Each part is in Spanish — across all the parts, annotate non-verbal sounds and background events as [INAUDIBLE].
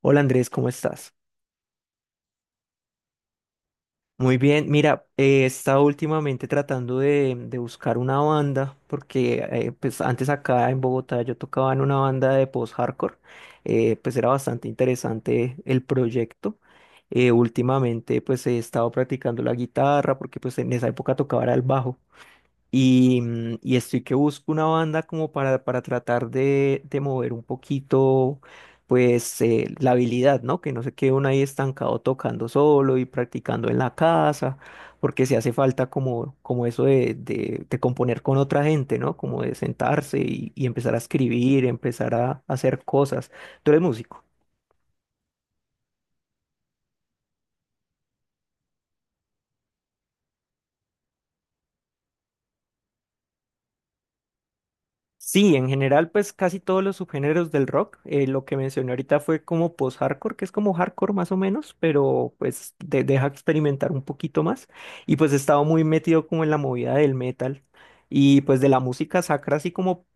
Hola Andrés, ¿cómo estás? Muy bien, mira, he estado últimamente tratando de buscar una banda, porque pues antes acá en Bogotá yo tocaba en una banda de post-hardcore, pues era bastante interesante el proyecto. Últimamente pues he estado practicando la guitarra, porque pues en esa época tocaba era el bajo. Y, y estoy que busco una banda como para tratar de mover un poquito, pues, la habilidad, ¿no? Que no se quede uno ahí estancado tocando solo y practicando en la casa, porque se hace falta como, como eso de componer con otra gente, ¿no? Como de sentarse y empezar a escribir, empezar a hacer cosas. ¿Tú eres músico? Sí, en general, pues casi todos los subgéneros del rock. Lo que mencioné ahorita fue como post-hardcore, que es como hardcore más o menos, pero pues deja experimentar un poquito más. Y pues he estado muy metido como en la movida del metal y pues de la música sacra así como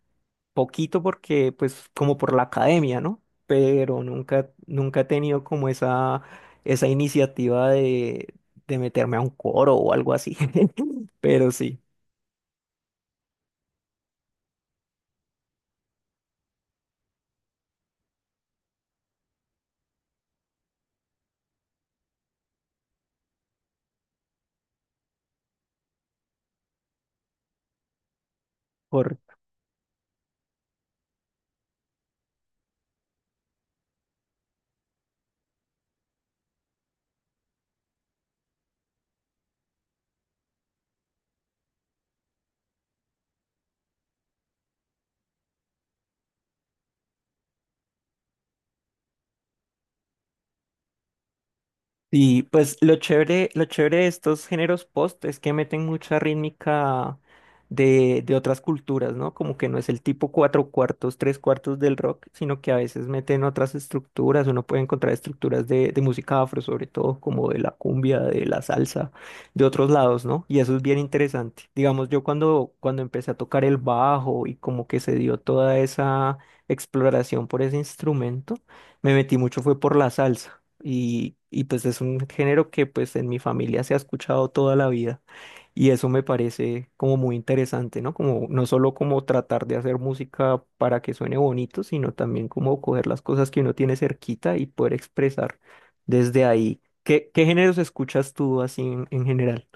poquito porque pues como por la academia, ¿no? Pero nunca, nunca he tenido como esa iniciativa de meterme a un coro o algo así. [LAUGHS] Pero sí. Y pues lo chévere de estos géneros post es que meten mucha rítmica de otras culturas, ¿no? Como que no es el tipo cuatro cuartos, tres cuartos del rock, sino que a veces meten otras estructuras. Uno puede encontrar estructuras de música afro, sobre todo como de la cumbia, de la salsa, de otros lados, ¿no? Y eso es bien interesante. Digamos, yo cuando empecé a tocar el bajo y como que se dio toda esa exploración por ese instrumento, me metí mucho fue por la salsa y pues es un género que pues en mi familia se ha escuchado toda la vida y eso me parece como muy interesante, ¿no? Como no solo como tratar de hacer música para que suene bonito, sino también como coger las cosas que uno tiene cerquita y poder expresar desde ahí. ¿Qué, qué géneros escuchas tú así en general?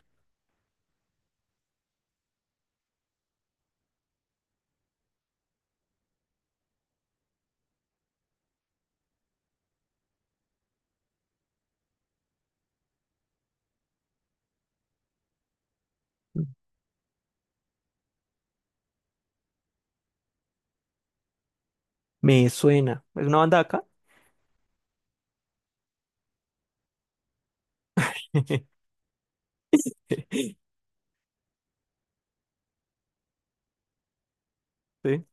Me suena. ¿Es una banda de acá? [LAUGHS] Sí.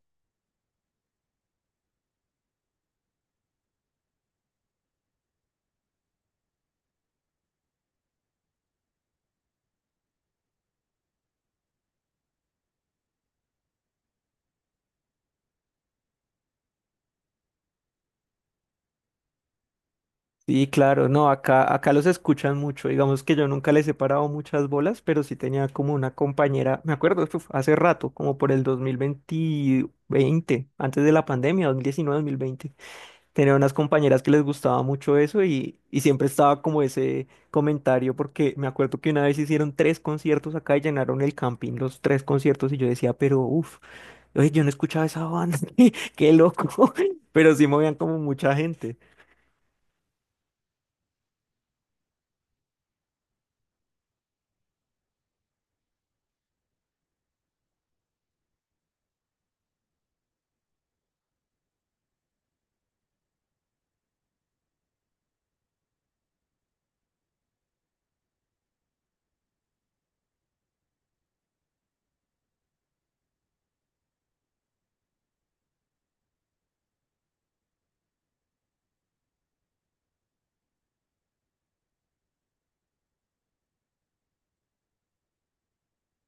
Sí, claro, no, acá, acá los escuchan mucho. Digamos que yo nunca les he parado muchas bolas, pero sí tenía como una compañera, me acuerdo, uf, hace rato, como por el 2020, veinte, veinte, antes de la pandemia, dos 2019 2020. Tenía unas compañeras que les gustaba mucho eso y siempre estaba como ese comentario, porque me acuerdo que una vez hicieron tres conciertos acá y llenaron el camping, los tres conciertos, y yo decía, pero uff, yo no escuchaba esa banda, [LAUGHS] qué loco, [LAUGHS] pero sí movían como mucha gente.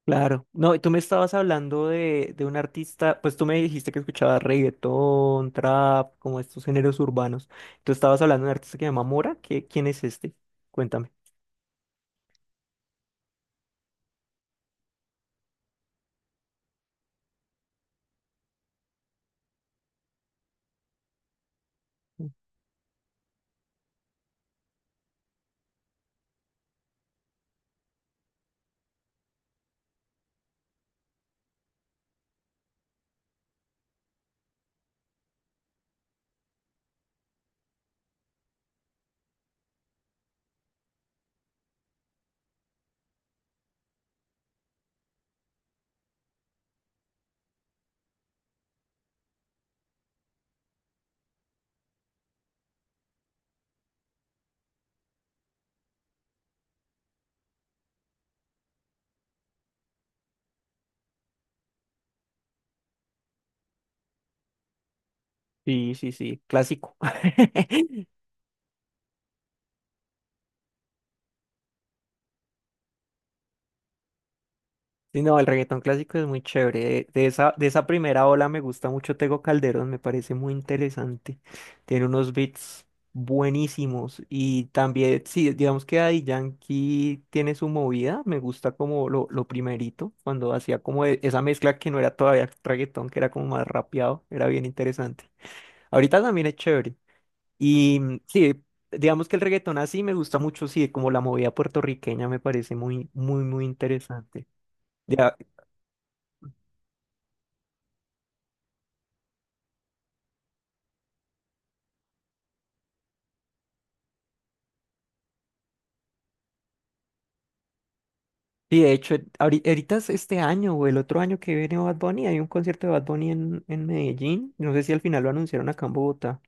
Claro. No, y tú me estabas hablando de un artista, pues tú me dijiste que escuchabas reggaetón, trap, como estos géneros urbanos. Tú estabas hablando de un artista que se llama Mora. ¿Qué, quién es este? Cuéntame. Sí, sí, sí, clásico. [LAUGHS] Sí, no, el reggaetón clásico es muy chévere. De esa primera ola me gusta mucho Tego Calderón, me parece muy interesante. Tiene unos beats buenísimos. Y también, sí, digamos que Daddy Yankee tiene su movida. Me gusta como lo primerito, cuando hacía como esa mezcla que no era todavía reggaetón, que era como más rapeado, era bien interesante. Ahorita también es chévere. Y sí, digamos que el reggaetón así me gusta mucho, sí, como la movida puertorriqueña me parece muy, muy, muy interesante. Y de hecho, ahorita es este año o el otro año que viene Bad Bunny, hay un concierto de Bad Bunny en Medellín. No sé si al final lo anunciaron acá en Bogotá.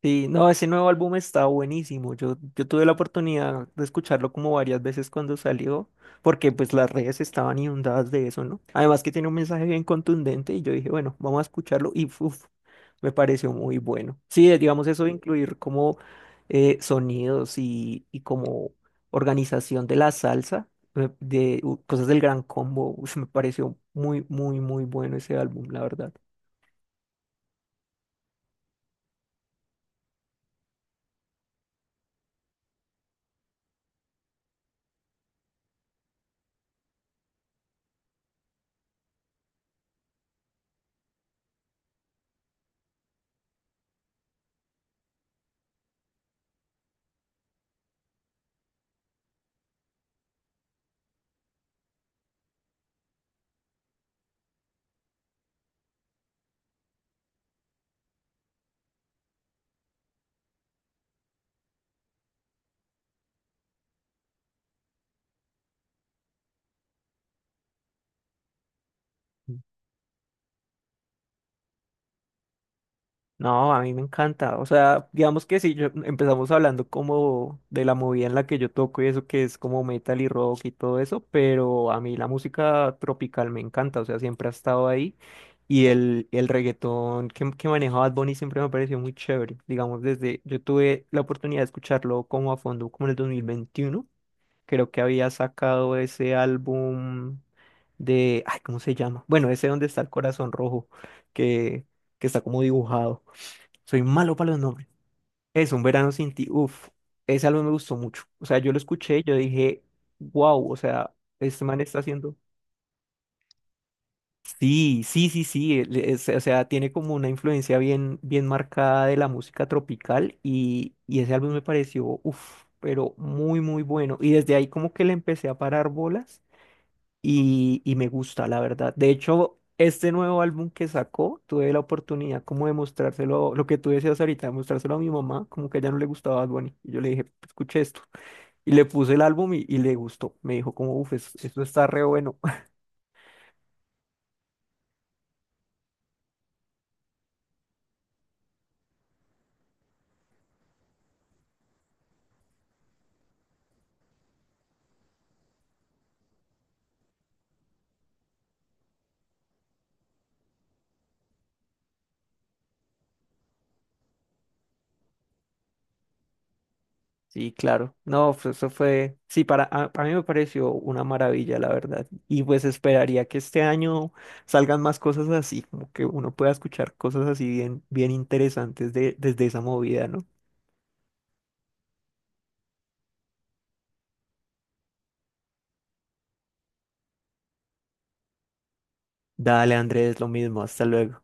Sí, no, ese nuevo álbum está buenísimo. Yo tuve la oportunidad de escucharlo como varias veces cuando salió, porque pues las redes estaban inundadas de eso, ¿no? Además que tiene un mensaje bien contundente y yo dije, bueno, vamos a escucharlo y uf, me pareció muy bueno. Sí, digamos eso de incluir como sonidos y como organización de la salsa, de, cosas del Gran Combo, uf, me pareció muy, muy, muy bueno ese álbum, la verdad. No, a mí me encanta. O sea, digamos que si yo empezamos hablando como de la movida en la que yo toco y eso que es como metal y rock y todo eso, pero a mí la música tropical me encanta, o sea, siempre ha estado ahí y el reggaetón que maneja Bad Bunny siempre me pareció muy chévere. Digamos, desde yo tuve la oportunidad de escucharlo como a fondo como en el 2021. Creo que había sacado ese álbum de, ay, ¿cómo se llama? Bueno, ese donde está el corazón rojo, que, que está como dibujado. Soy malo para los nombres. Es Un Verano Sin Ti. Uf, ese álbum me gustó mucho. O sea, yo lo escuché y yo dije, wow, o sea, este man está haciendo. Sí, sí, sí, sí. Él o sea, tiene como una influencia bien, bien marcada de la música tropical y ese álbum me pareció, uf, pero muy, muy bueno. Y desde ahí como que le empecé a parar bolas y me gusta, la verdad. De hecho, este nuevo álbum que sacó, tuve la oportunidad como de mostrárselo, lo que tú decías ahorita, de mostrárselo a mi mamá, como que a ella no le gustaba Bad Bunny. Y yo le dije, escuché esto. Y le puse el álbum y le gustó. Me dijo como, uff, esto está re bueno. [LAUGHS] Sí, claro. No, pues eso fue, sí, para, a mí me pareció una maravilla, la verdad. Y pues esperaría que este año salgan más cosas así, como que uno pueda escuchar cosas así bien, bien interesantes de, desde esa movida, ¿no? Dale, Andrés, lo mismo. Hasta luego.